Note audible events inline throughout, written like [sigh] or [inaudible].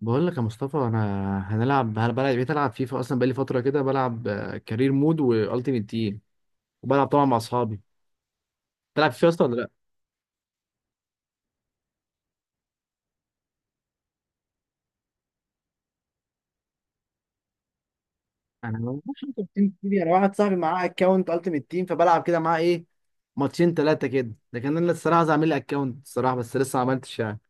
بقول لك يا مصطفى، انا بلعب، بقيت العب فيفا اصلا، بقالي فتره كده بلعب كارير مود والتيمت تيم، وبلعب طبعا مع اصحابي. تلعب فيفا اصلا ولا لا؟ انا ما بعرفش انت بتنزل دي. انا واحد صاحبي معاه اكونت التيمت تيم فبلعب كده معاه ايه، ماتشين ثلاثه كده. لكن انا الصراحه عايز اعمل لي اكونت الصراحه، بس لسه ما عملتش يعني.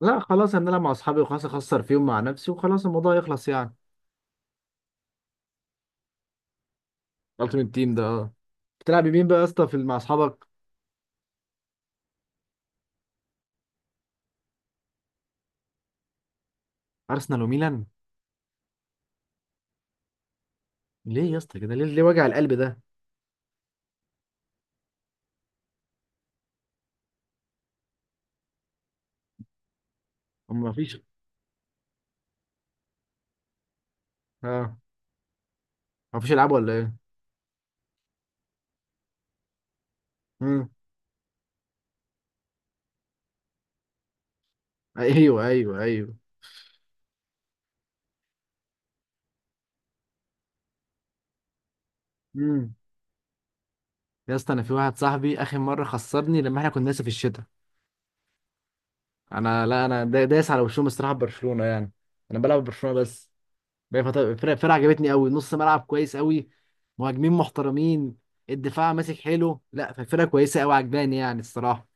لا خلاص، هنلعب مع اصحابي وخلاص، اخسر فيهم مع نفسي وخلاص، الموضوع يخلص يعني. التيمت تيم ده، اه. بتلعب مين بقى يا اسطى في مع اصحابك؟ ارسنال وميلان؟ ليه يا اسطى كده؟ ليه ليه وجع القلب ده؟ هم ما فيش. اه. ما فيش العاب ولا ايه؟ امم. ايوه ايوه ايوه. امم. يا اسطى انا في واحد صاحبي اخر مره خسرني لما احنا كنا لسه في الشتاء. انا لا انا دا- دايس على وشهم الصراحه، برشلونه يعني. انا بلعب برشلونه بس. بقى الفرقه عجبتني قوي، نص ملعب كويس قوي، مهاجمين محترمين، الدفاع ماسك حلو، لا فالفرقه كويسه قوي عجباني يعني الصراحه.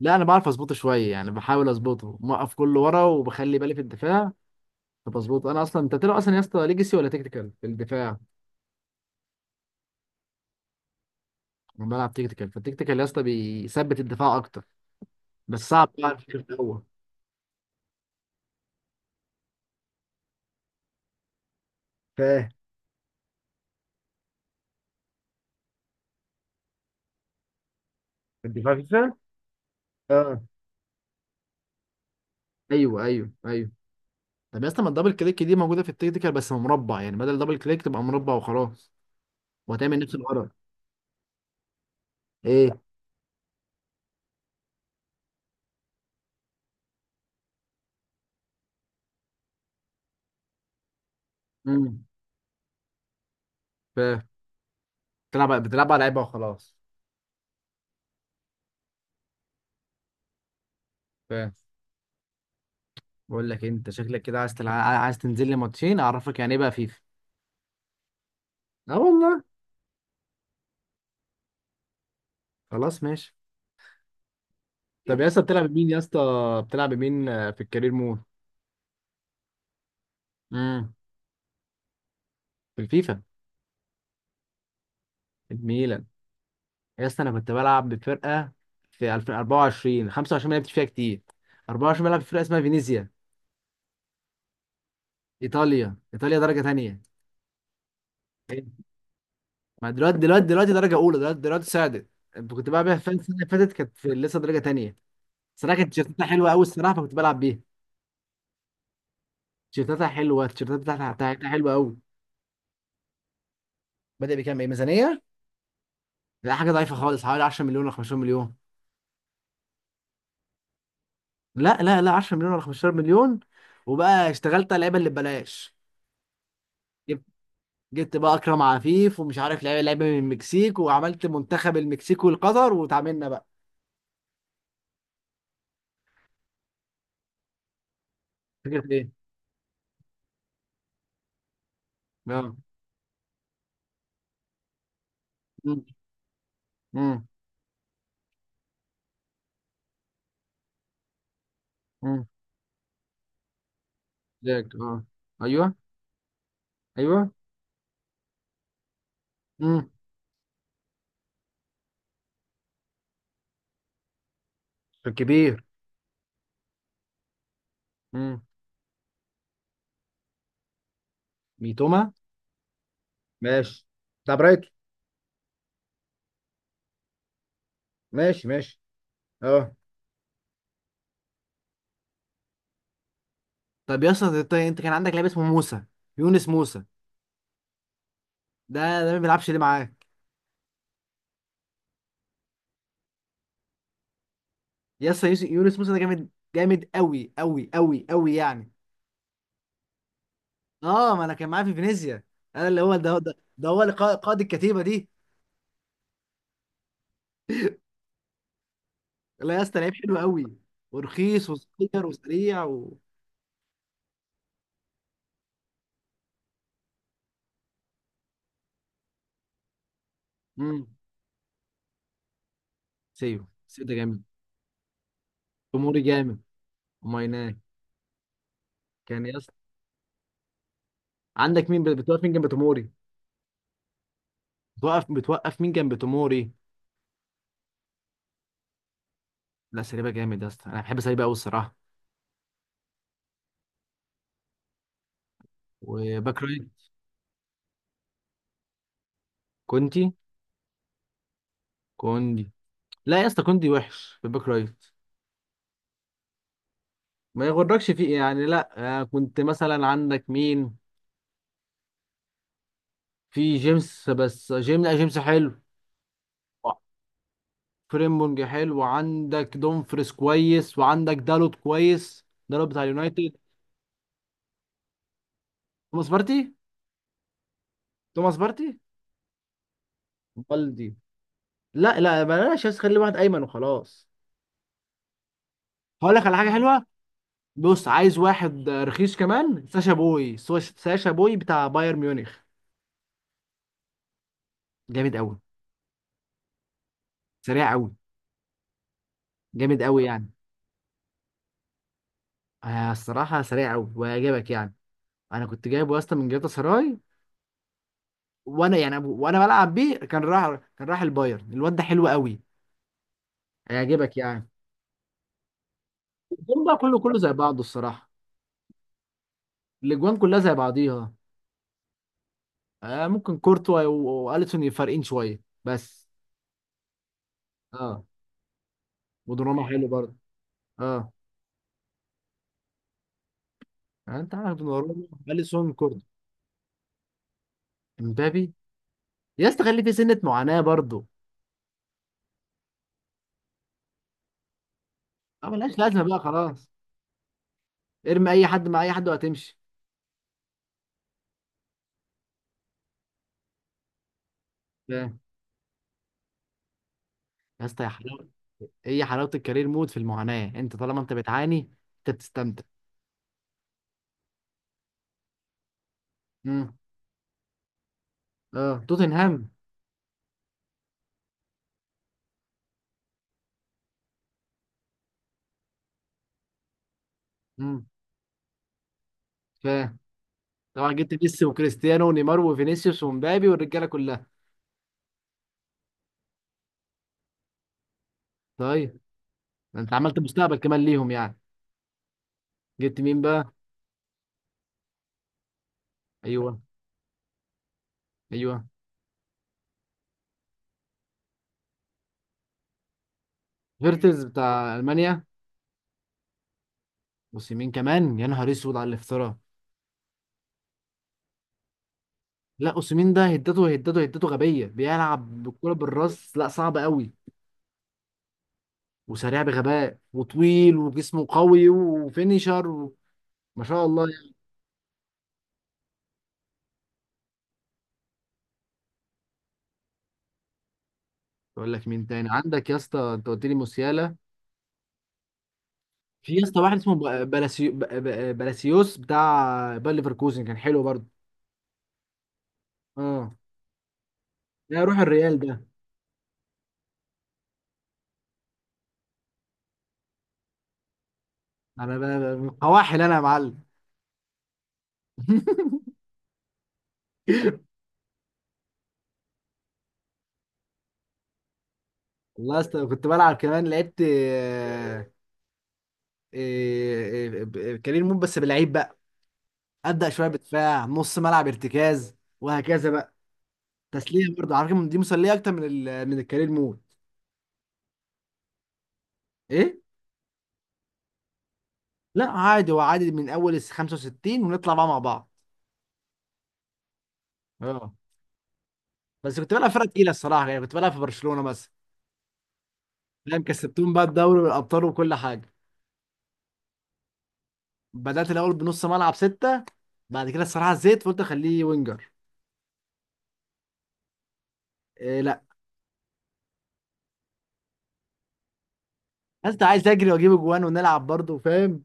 لا انا بعرف اظبطه شويه يعني، بحاول اظبطه موقف كله ورا وبخلي بالي في الدفاع، فبظبطه. انا اصلا، انت بتلعب اصلا يا اسطى ليجاسي ولا تكتيكال في الدفاع؟ انا بلعب تكتيكال، فالتكتيكال يا اسطى بيثبت الدفاع اكتر، بس صعب تعرف في الاول. فاهم. الدفاع في السهل. اه. ايوه ايوه ايوه. طب يا اسطى، ما الدبل كليك دي موجوده في التكتيكال بس مربع، يعني بدل دبل كليك تبقى مربع وخلاص، وهتعمل نفس الغرض. ايه. امم. فاهم. بتلعب على لعيبه وخلاص. فاهم. بقول لك إيه، انت شكلك كده عايز تنزل لي ماتشين اعرفك يعني ايه بقى فيفا. اه والله. خلاص ماشي. طب يا اسطى، بتلعب مين في الكارير مود؟ امم. في الفيفا. الميلان. يا اسطى انا كنت بلعب بفرقه في 2024 25، ما لعبتش فيها كتير. 24 بلعب في فرقه اسمها فينيسيا. ايطاليا، ايطاليا درجه تانية. ما دلوقتي درجه اولى، دلوقتي صعدت. كنت بلعب بيها فين، السنه اللي فاتت كانت في لسه درجه تانية. صراحه كانت تيشيرتاتها حلوه قوي الصراحه، فكنت بلعب بيها. تيشيرتاتها حلوه، التيشيرتات بتاعتها حلوه قوي. بادئ بكام؟ ايه، ميزانيه؟ لا حاجه ضعيفه خالص، حوالي 10 مليون ولا 15 مليون. لا لا لا، 10 مليون ولا 15 مليون. وبقى اشتغلت على اللعيبه اللي ببلاش. جبت بقى اكرم عفيف ومش عارف، لعيبه لعيبه من المكسيك، وعملت منتخب المكسيك والقطر وتعاملنا بقى. فكره ايه؟ اه. امم. امم. امم. ذاك، اه. ايوه. ايوه. امم. الكبير. امم. ميتوما. ماشي. بتاع برايتون. ماشي ماشي. اه. طب يا اسطى، انت كان عندك لعيب اسمه موسى، يونس موسى. ده ما بيلعبش ليه معاك؟ يا اسطى، يونس موسى ده جامد، جامد قوي قوي قوي قوي يعني. اه، ما انا كان معاه في فينيسيا. انا اللي هو، ده هو اللي قائد الكتيبه دي. لا يا اسطى، لعيب حلو قوي، ورخيص وصغير وسريع و... امم. سيو. سيو ده جامد. توموري جامد. ومايناه. كان يا اسطى، عندك مين بتوقف مين جنب توموري؟ بتوقف مين جنب توموري؟ لا سليبه جامد يا اسطى، انا بحب سليبه قوي الصراحه. وباك رايت. كونتي. كوندي. لا يا اسطى، كوندي وحش في الباك رايت، ما يغركش فيه يعني، لا. كنت مثلا عندك مين؟ في جيمس، بس جيمس، لا جيمس حلو. فريمبونج حلو، وعندك دومفريس كويس، وعندك دالوت كويس، دالوت بتاع اليونايتد. توماس بارتي. توماس بارتي. بالدي. لا لا بلاش، بس خلي واحد ايمن وخلاص. هقول لك على حاجه حلوه. بص، عايز واحد رخيص كمان، ساشا بوي بتاع بايرن ميونخ. جامد قوي. سريع قوي. جامد قوي يعني. الصراحه سريع قوي وهيعجبك يعني. انا كنت جايبه اصلا من جاتا سراي، وانا يعني، بلعب بيه، كان راح البايرن، الواد ده حلو قوي، هيعجبك يعني. الجون بقى كله، كله زي بعضه الصراحه. الاجوان كلها زي بعضيها. ممكن كورتوا واليسون فارقين شويه بس. اه، ودوناروما حلو برضه. اه. يعني انت عندك دوناروما، اليسون، كورتوا. امبابي. يا اسطى خلي في سنه معاناه برضه. اه ملهاش لازمه بقى، خلاص، ارمي اي حد مع اي حد وهتمشي. فاهم. يا اسطى يا حلاوه. هي حلاوه الكارير مود في المعاناه، انت طالما انت بتعاني انت بتستمتع. امم. اه، توتنهام. امم. فاهم. طبعا جبت ميسي وكريستيانو ونيمار وفينيسيوس ومبابي والرجاله كلها. طيب. انت عملت مستقبل كمان ليهم يعني. جبت مين بقى؟ ايوه. ايوه. فيرتز بتاع المانيا. اوسيمين كمان، يا نهار اسود على الافتراء. لا اوسيمين ده، هدته هدته هدته غبيه، بيلعب بالكره بالراس، لا صعب قوي. وسريع بغباء وطويل وجسمه قوي وفينيشر و... ما شاء الله يعني. اقول لك مين تاني عندك يا اسطى، انت قلت لي موسيالا. في يا اسطى واحد اسمه بلاسيوس بتاع باير ليفركوزن، كان حلو برضه. اه. لا روح الريال ده. انا من قواحل انا يا معلم. [laughs] والله يا اسطى كنت بلعب كمان، لعبت كارير مود بس بلعيب بقى، ابدا شويه بدفاع، نص ملعب، ارتكاز، وهكذا بقى. تسليه برضه، على فكره دي مسليه اكتر من الكارير مود. ايه. لا عادي، هو عادي من اول ال 65 ونطلع بقى مع بعض. اه. بس كنت بلعب فرقه تقيله الصراحه، يعني كنت بلعب في برشلونه مثلا. فاهم، كسبتهم بقى الدوري والابطال وكل حاجه. بدات الاول بنص ملعب سته. بعد كده الصراحه زيت فقلت اخليه وينجر. إيه، لا. انت عايز اجري واجيب اجوان ونلعب برضه، فاهم.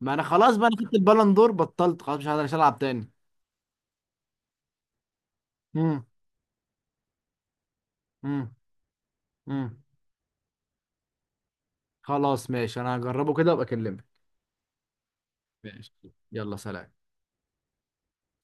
ما انا خلاص بقى، انا خدت البالون دور، بطلت خلاص، مش هقدر العب تاني. امم. امم. امم. خلاص ماشي، انا هجربه كده وابقى اكلمك. ماشي. يلا سلام.